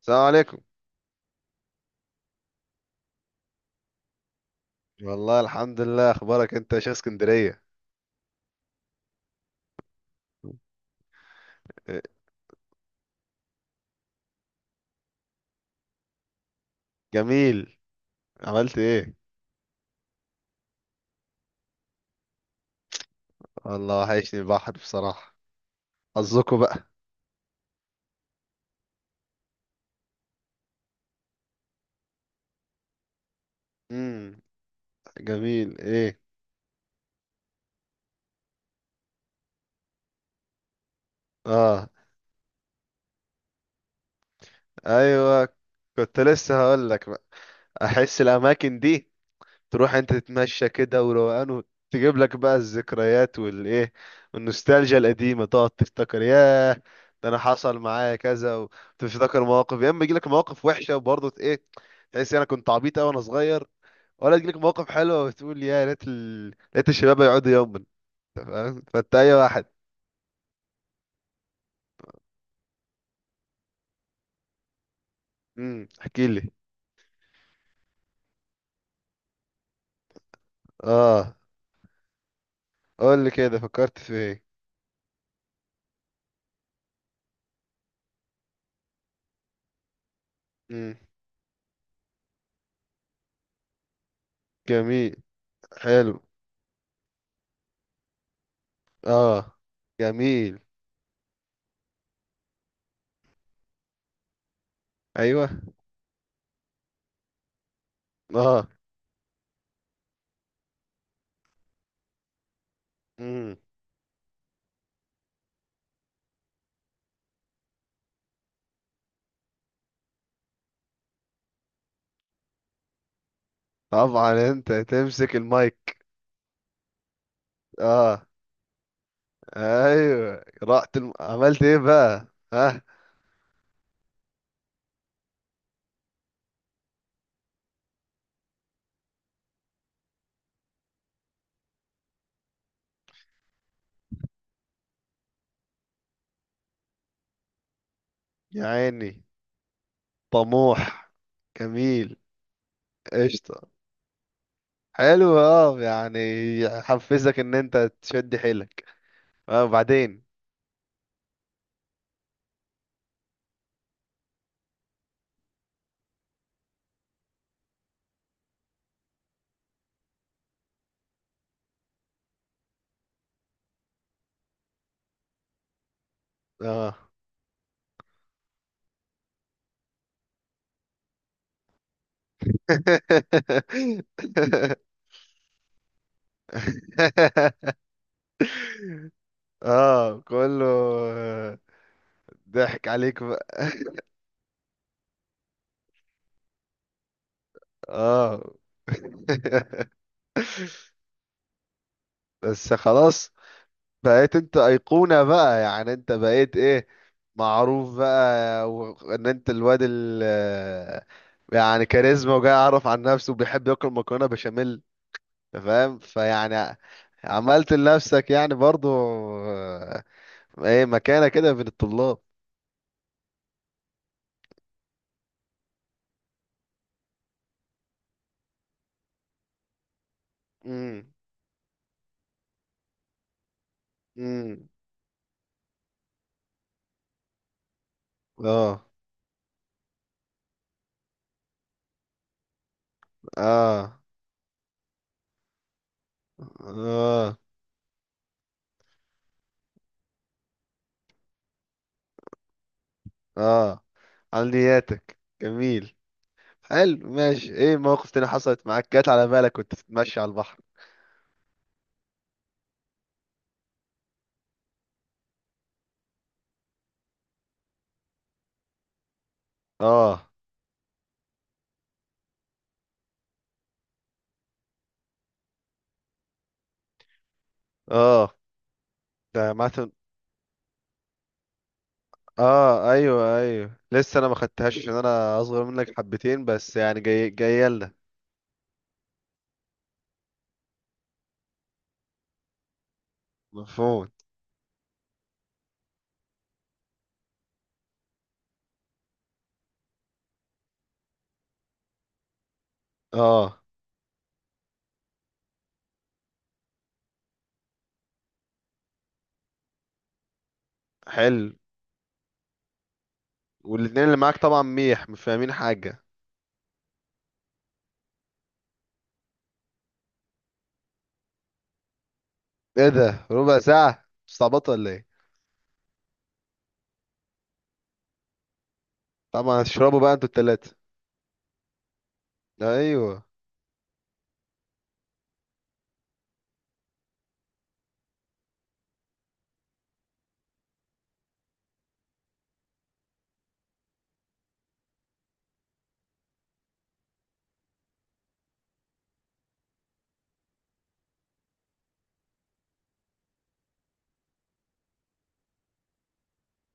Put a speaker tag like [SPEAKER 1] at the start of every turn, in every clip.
[SPEAKER 1] السلام عليكم. والله الحمد لله. اخبارك انت يا شيخ اسكندريه؟ إيه، جميل. عملت ايه؟ والله وحشني البحر بصراحه. حظكوا بقى. امم جميل ايه. اه ايوه، كنت لسه هقول لك بقى، احس الاماكن دي تروح انت تتمشى كده وروقان وتجيب لك بقى الذكريات والايه والنوستالجيا القديمه، تقعد تفتكر ياه، ده انا حصل معايا كذا، وتفتكر مواقف، يا اما يجي لك مواقف وحشه وبرضه ايه، تحس انا كنت عبيط قوي وانا صغير، ولا تجيلك مواقف حلوه وتقول يا ريت ريت الشباب يقعدوا يوما. أنت فاهم؟ فانت اي واحد. احكي لي. اه، قول لي كده، فكرت في ايه؟ امم جميل. حلو. اه جميل. ايوه. اه. امم طبعا انت تمسك المايك. اه ايوه، رحت عملت ايه بقى؟ ها؟ يا عيني، طموح. جميل. قشطه. حلو اه يعني، يحفزك ان انت تشد حيلك. اه، وبعدين؟ اه. اه، كله ضحك عليك بقى. اه. بس خلاص، بقيت انت ايقونة بقى، يعني انت بقيت ايه، معروف بقى، وان انت الواد ال، يعني كاريزما، وجاي يعرف عن نفسه وبيحب ياكل مكرونة بشاميل. أنت فاهم؟ فيعني عملت لنفسك يعني برضو آه، ايه مكانة كده بين الطلاب. امم امم. اه اه اه اه. عملياتك جميل. حلو ماشي. ايه موقف تاني حصلت معاك جت على بالك وانت بتتمشي على البحر؟ اه. اه، ده مثلا؟ اه ايوه ايوه، لسه انا ما خدتهاش عشان انا اصغر منك حبتين بس، يعني جاي جايه لنا. مفهوم. اه حلو. والاتنين اللي معاك طبعا ميح، مش فاهمين حاجه. ايه ده، ربع ساعه؟ مستعبط ولا ايه؟ طبعا هتشربوا بقى انتوا التلاته. ايوه.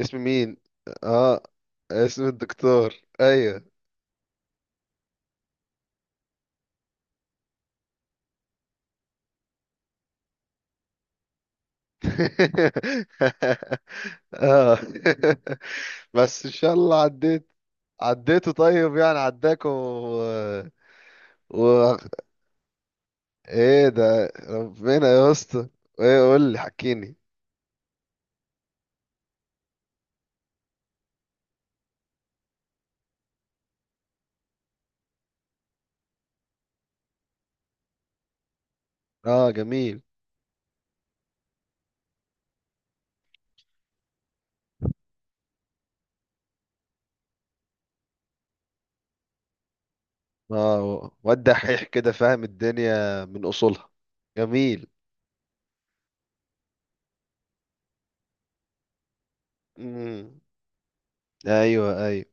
[SPEAKER 1] اسم مين؟ اه، اسم الدكتور. ايوه. اه. بس ان شاء الله عديت. عديته طيب، يعني عداكوا و... ايه ده، ربنا يا اسطى. ايه قول لي، حكيني. اه جميل. اه، واد دحيح كده، فاهم الدنيا من اصولها. جميل. امم ايوه ايوه.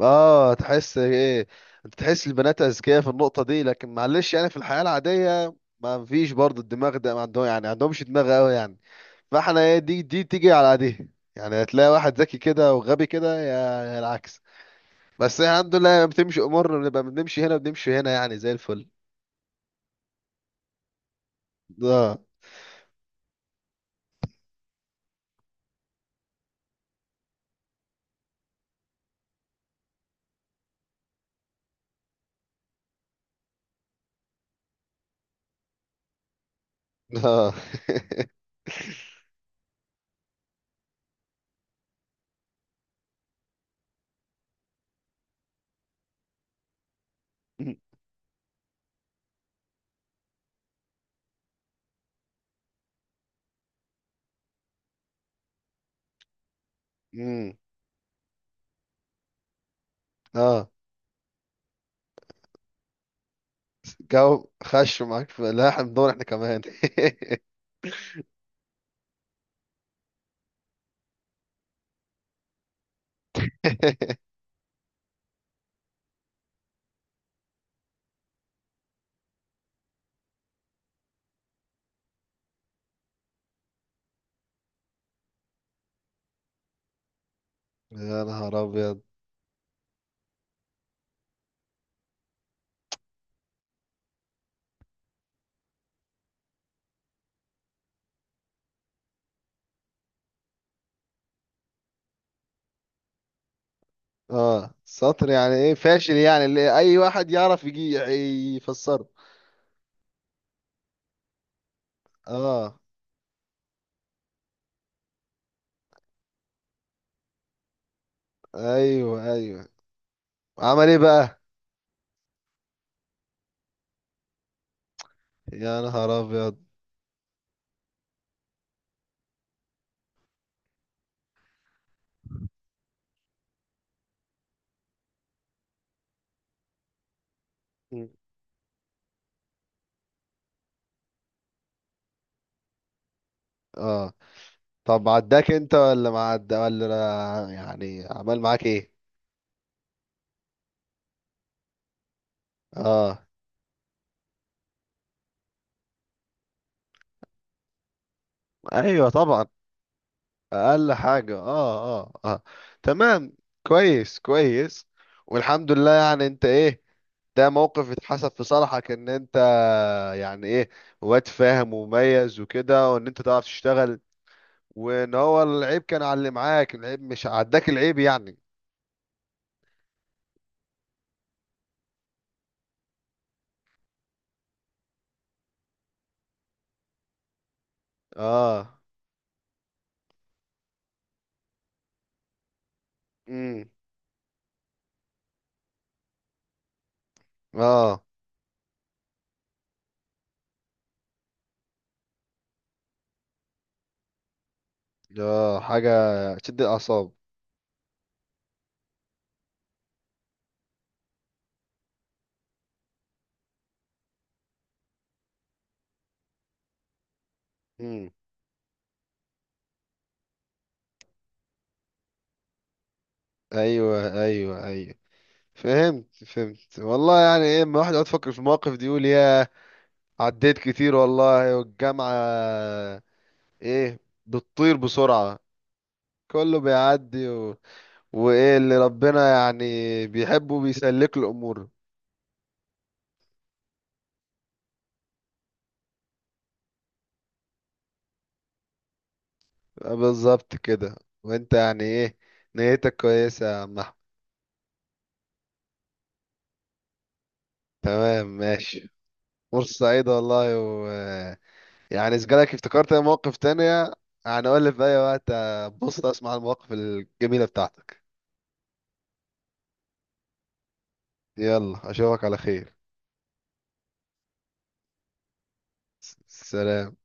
[SPEAKER 1] اه تحس ايه؟ انت تحس البنات اذكياء في النقطه دي، لكن معلش يعني في الحياه العاديه ما فيش برضه الدماغ ده ما عندهم، يعني ما عندهمش دماغ قوي يعني، فاحنا ايه دي تيجي على دي. يعني هتلاقي واحد ذكي كده وغبي كده، يا العكس. بس الحمد لله بتمشي امورنا، بنبقى بنمشي هنا بنمشي هنا، يعني زي الفل. اه. اه. أمم، اه، جو خش معاك. في لا، احنا بندور احنا كمان. يا نهار ابيض. اه، سطر يعني ايه فاشل، يعني اللي اي واحد يعرف يجي يفسره. اه ايوه ايوه. عمل ايه بقى؟ يا نهار ابيض. مم. اه، طب عداك انت ولا ما عدا؟ ولا يعني عمل معاك ايه؟ اه ايوه طبعا. اقل حاجه. اه اه اه. تمام. كويس كويس. والحمد لله، يعني انت ايه، ده موقف اتحسب في صالحك ان انت يعني ايه، واد فاهم ومميز وكده، وان انت تعرف تشتغل، وان هو العيب كان على اللي معاك، العيب مش عداك، العيب يعني. اه. امم اه اه حاجه تشد الاعصاب. امم ايوه ايوه ايوه. فهمت فهمت والله. يعني ايه لما الواحد يقعد يفكر في المواقف دي يقول يا، عديت كتير والله. والجامعه ايه، بتطير بسرعه. كله بيعدي وايه اللي ربنا يعني بيحبه بيسلك له الامور. بالظبط كده. وانت يعني ايه، نيتك كويسه يا عم. تمام ماشي، فرصة سعيدة والله. و يعني إذا جالك افتكرت أي مواقف تانية، يعني قول لي في أي وقت. بص أسمع المواقف الجميلة بتاعتك. يلا أشوفك على خير. سلام.